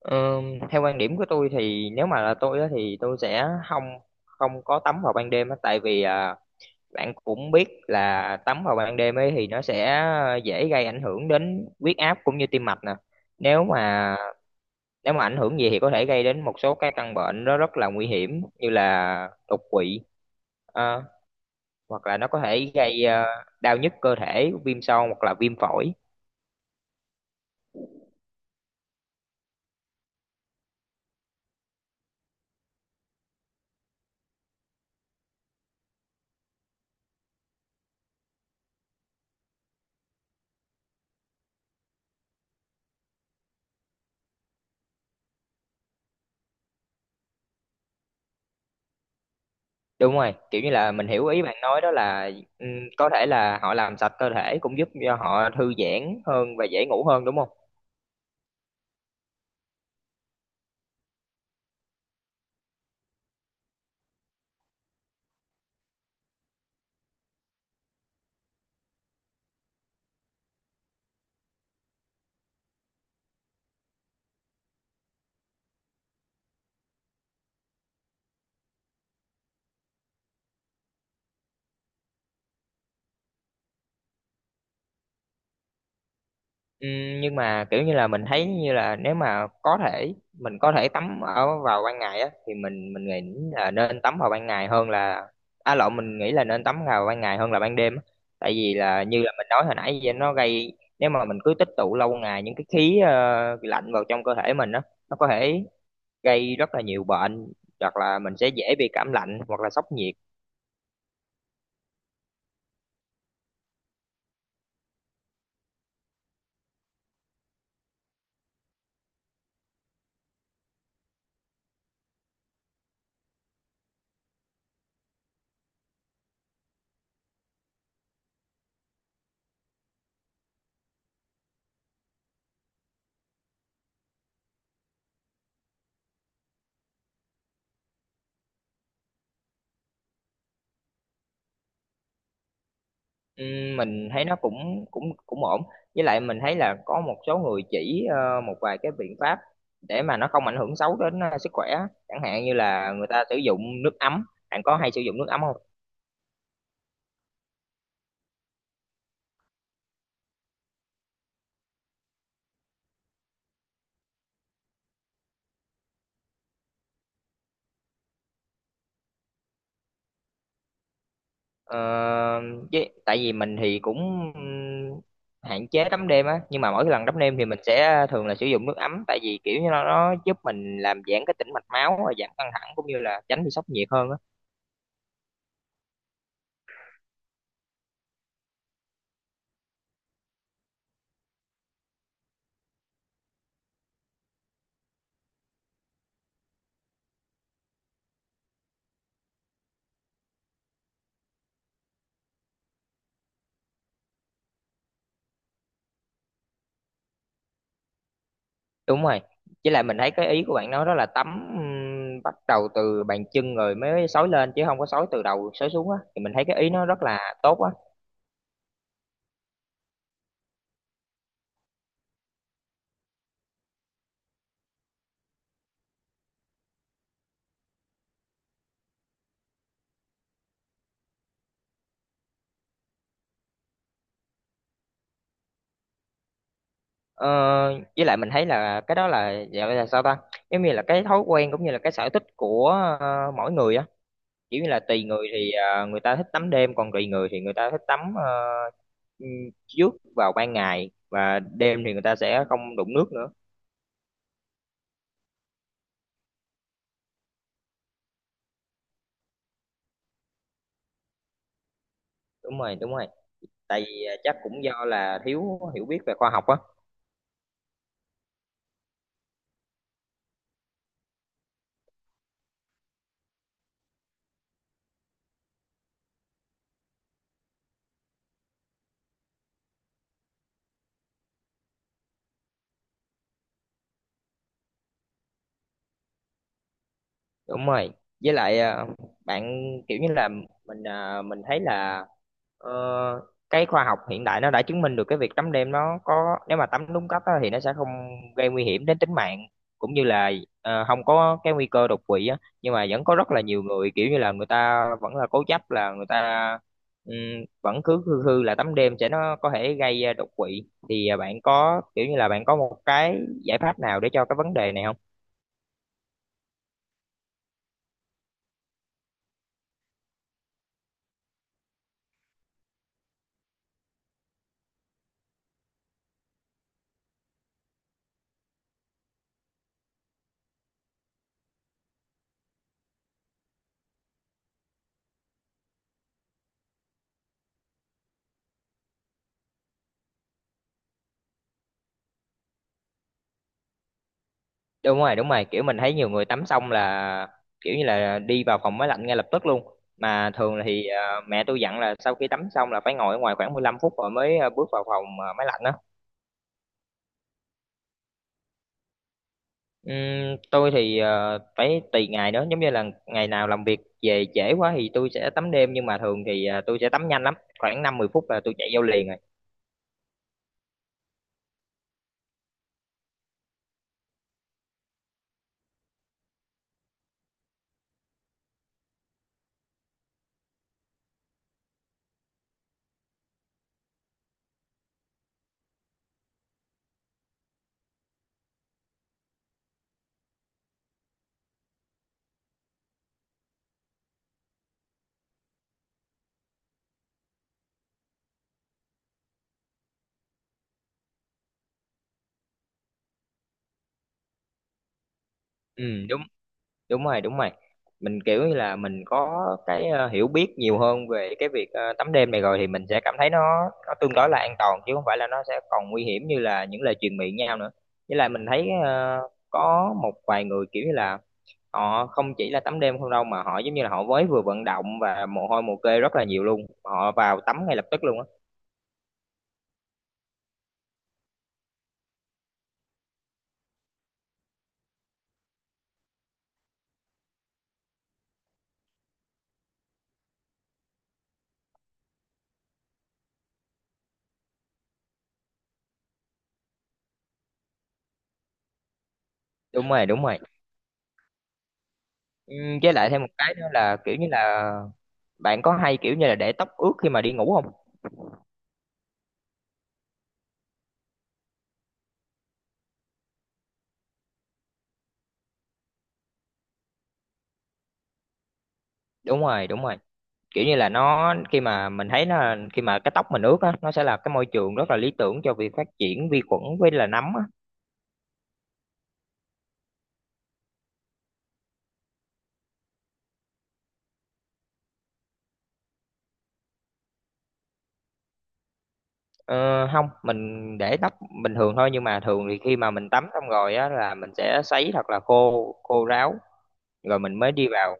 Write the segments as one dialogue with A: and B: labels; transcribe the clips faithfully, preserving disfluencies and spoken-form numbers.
A: Ờ, Theo quan điểm của tôi thì nếu mà là tôi á, thì tôi sẽ không không có tắm vào ban đêm á, tại vì à, bạn cũng biết là tắm vào ban đêm ấy thì nó sẽ dễ gây ảnh hưởng đến huyết áp cũng như tim mạch nè. Nếu mà nếu mà ảnh hưởng gì thì có thể gây đến một số cái căn bệnh nó rất là nguy hiểm như là đột quỵ, ờ, hoặc là nó có thể gây ờ, đau nhức cơ thể, viêm xoang hoặc là viêm phổi. Đúng rồi, kiểu như là mình hiểu ý bạn nói đó là ừm, có thể là họ làm sạch cơ thể cũng giúp cho họ thư giãn hơn và dễ ngủ hơn đúng không? Ừm, nhưng mà kiểu như là mình thấy như là nếu mà có thể mình có thể tắm ở vào ban ngày á thì mình mình nghĩ là nên tắm vào ban ngày hơn là, à lộn, mình nghĩ là nên tắm vào ban ngày hơn là ban đêm á. Tại vì là như là mình nói hồi nãy vậy nó gây, nếu mà mình cứ tích tụ lâu ngày những cái khí ờ, lạnh vào trong cơ thể mình á, nó có thể gây rất là nhiều bệnh hoặc là mình sẽ dễ bị cảm lạnh hoặc là sốc nhiệt. Ừm, mình thấy nó cũng cũng cũng ổn, với lại mình thấy là có một số người chỉ ờ, một vài cái biện pháp để mà nó không ảnh hưởng xấu đến ờ, sức khỏe, chẳng hạn như là người ta sử dụng nước ấm. Bạn có hay sử dụng nước ấm không? Ờ, với tại vì mình thì cũng ừm, hạn chế tắm đêm á, nhưng mà mỗi lần tắm đêm thì mình sẽ thường là sử dụng nước ấm, tại vì kiểu như nó, nó giúp mình làm giãn cái tĩnh mạch máu và giảm căng thẳng cũng như là tránh bị sốc nhiệt hơn á. Đúng rồi, với lại mình thấy cái ý của bạn nói đó là tắm ừm, bắt đầu từ bàn chân rồi mới xối lên chứ không có xối từ đầu xối xuống á, thì mình thấy cái ý nó rất là tốt á. ờ, với lại mình thấy là cái đó là gọi là sao ta, giống như là cái thói quen cũng như là cái sở thích của ờ, mỗi người á, kiểu như là tùy người thì ờ, người ta thích tắm đêm, còn tùy người thì người ta thích tắm ờ, ừm, trước vào ban ngày, và đêm thì người ta sẽ không đụng nước nữa. Đúng rồi, đúng rồi, tại vì ờ, chắc cũng do là thiếu hiểu biết về khoa học á. Đúng rồi. Với lại ờ, bạn, kiểu như là mình ờ, mình thấy là ờ, cái khoa học hiện đại nó đã chứng minh được cái việc tắm đêm nó có, nếu mà tắm đúng cách á, thì nó sẽ không gây nguy hiểm đến tính mạng cũng như là ờ, không có cái nguy cơ đột quỵ á. Nhưng mà vẫn có rất là nhiều người, kiểu như là người ta vẫn là cố chấp, là người ta ừm, vẫn cứ khư khư là tắm đêm sẽ nó có thể gây ờ, đột quỵ, thì ờ, bạn có, kiểu như là bạn có một cái giải pháp nào để cho cái vấn đề này không? Đúng rồi, đúng rồi, kiểu mình thấy nhiều người tắm xong là kiểu như là đi vào phòng máy lạnh ngay lập tức luôn, mà thường thì ờ, mẹ tôi dặn là sau khi tắm xong là phải ngồi ở ngoài khoảng mười lăm phút rồi mới ờ, bước vào phòng ờ, máy lạnh đó. Ừm, tôi thì ờ, phải tùy ngày nữa, giống như là ngày nào làm việc về trễ quá thì tôi sẽ tắm đêm, nhưng mà thường thì ờ, tôi sẽ tắm nhanh lắm, khoảng năm mười phút là tôi chạy vô liền rồi. Ừ, đúng rồi, đúng rồi, mình kiểu như là mình có cái ờ, hiểu biết nhiều hơn về cái việc ờ, tắm đêm này rồi thì mình sẽ cảm thấy nó nó tương đối là an toàn, chứ không phải là nó sẽ còn nguy hiểm như là những lời truyền miệng nhau nữa. Với lại mình thấy ờ, có một vài người kiểu như là họ không chỉ là tắm đêm không đâu, mà họ giống như là họ mới vừa vận động và mồ hôi mồ kê rất là nhiều luôn, họ vào tắm ngay lập tức luôn á. Đúng rồi, đúng rồi. Ừm, với lại thêm một cái nữa là kiểu như là bạn có hay, kiểu như là, để tóc ướt khi mà đi ngủ không? Đúng rồi, đúng rồi, kiểu như là nó, khi mà mình thấy nó, khi mà cái tóc mình ướt á, nó sẽ là cái môi trường rất là lý tưởng cho việc phát triển vi khuẩn với là nấm á. ờ, Không, mình để tóc bình thường thôi, nhưng mà thường thì khi mà mình tắm xong rồi á là mình sẽ sấy thật là khô, khô ráo rồi mình mới đi vào.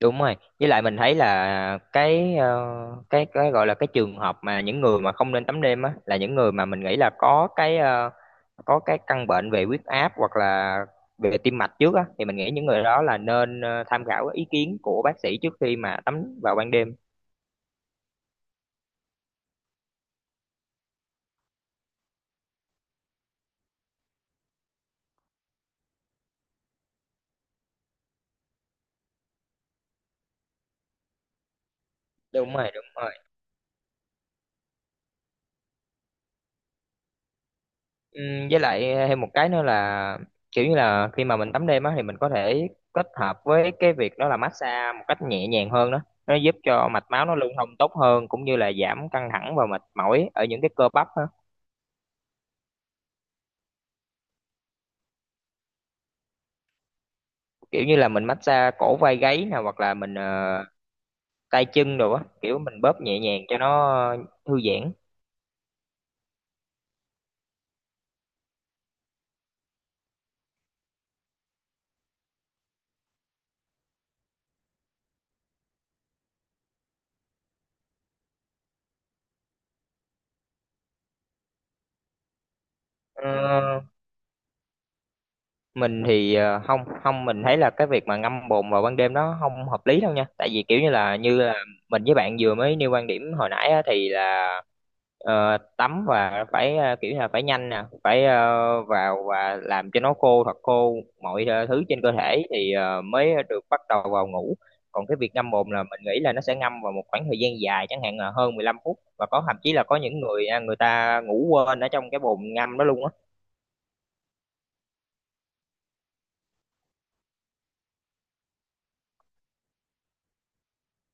A: Đúng rồi, với lại mình thấy là cái ờ, cái cái gọi là cái trường hợp mà những người mà không nên tắm đêm á là những người mà mình nghĩ là có cái ờ, có cái căn bệnh về huyết áp hoặc là về tim mạch trước á, thì mình nghĩ những người đó là nên ờ, tham khảo ý kiến của bác sĩ trước khi mà tắm vào ban đêm. Đúng rồi, đúng rồi. Ừ, với lại ờ, thêm một cái nữa là kiểu như là khi mà mình tắm đêm á thì mình có thể kết hợp với cái việc đó là massage một cách nhẹ nhàng hơn đó, nó giúp cho mạch máu nó lưu thông tốt hơn cũng như là giảm căng thẳng và mệt mỏi ở những cái cơ bắp á. Kiểu như là mình massage cổ vai gáy nè, hoặc là mình ờ, tay chân đồ á, kiểu mình bóp nhẹ nhàng cho nó thư giãn. Ờ, mình thì ờ, không, không, mình thấy là cái việc mà ngâm bồn vào ban đêm nó không hợp lý đâu nha, tại vì kiểu như là như là mình với bạn vừa mới nêu quan điểm hồi nãy á, thì là ờ, tắm và phải, ờ, kiểu như là phải nhanh nè, phải ờ, vào và làm cho nó khô thật khô mọi ờ, thứ trên cơ thể thì ờ, mới được bắt đầu vào ngủ. Còn cái việc ngâm bồn là mình nghĩ là nó sẽ ngâm vào một khoảng thời gian dài, chẳng hạn là hơn mười lăm phút, và có thậm chí là có những người à, người ta ngủ quên ở trong cái bồn ngâm đó luôn á.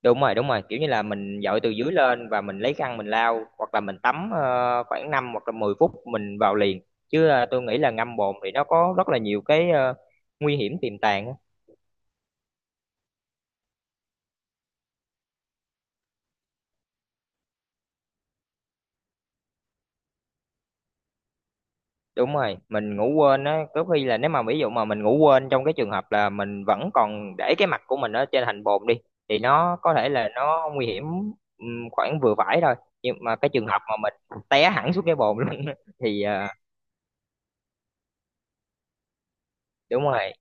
A: Đúng rồi, đúng rồi, kiểu như là mình dội từ dưới lên và mình lấy khăn mình lau, hoặc là mình tắm ờ, khoảng năm hoặc là mười phút mình vào liền, chứ ờ, tôi nghĩ là ngâm bồn thì nó có rất là nhiều cái ờ, nguy hiểm tiềm tàng á. Đúng rồi, mình ngủ quên á, có khi là nếu mà ví dụ mà mình ngủ quên trong cái trường hợp là mình vẫn còn để cái mặt của mình ở trên hành bồn đi, thì nó có thể là nó nguy hiểm. Ừm, khoảng vừa phải thôi, nhưng mà cái trường hợp mà mình té hẳn xuống cái bồn luôn á, thì ờ, đúng rồi,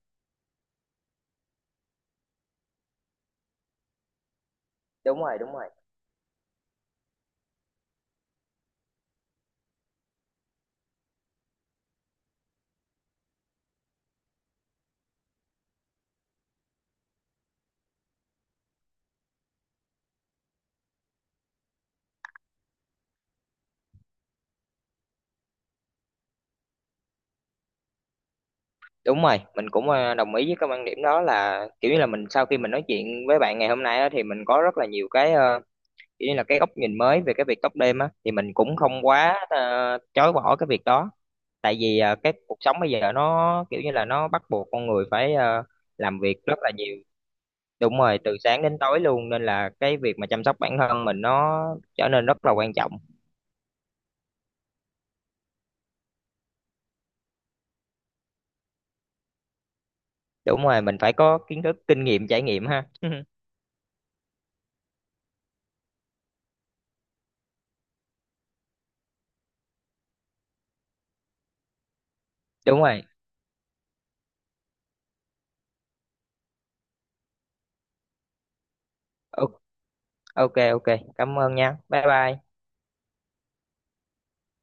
A: đúng rồi, đúng rồi. Đúng rồi, mình cũng ờ, đồng ý với cái quan điểm đó, là kiểu như là mình sau khi mình nói chuyện với bạn ngày hôm nay á, thì mình có rất là nhiều cái ờ, kiểu như là cái góc nhìn mới về cái việc tóc đêm á, thì mình cũng không quá ờ, chối bỏ cái việc đó. Tại vì ờ, cái cuộc sống bây giờ nó kiểu như là nó bắt buộc con người phải ờ, làm việc rất là nhiều. Đúng rồi, từ sáng đến tối luôn, nên là cái việc mà chăm sóc bản thân mình nó trở nên rất là quan trọng. Đúng rồi, mình phải có kiến thức, kinh nghiệm, trải nghiệm ha. Đúng rồi. O- Ok ok, cảm ơn nha. Bye bye.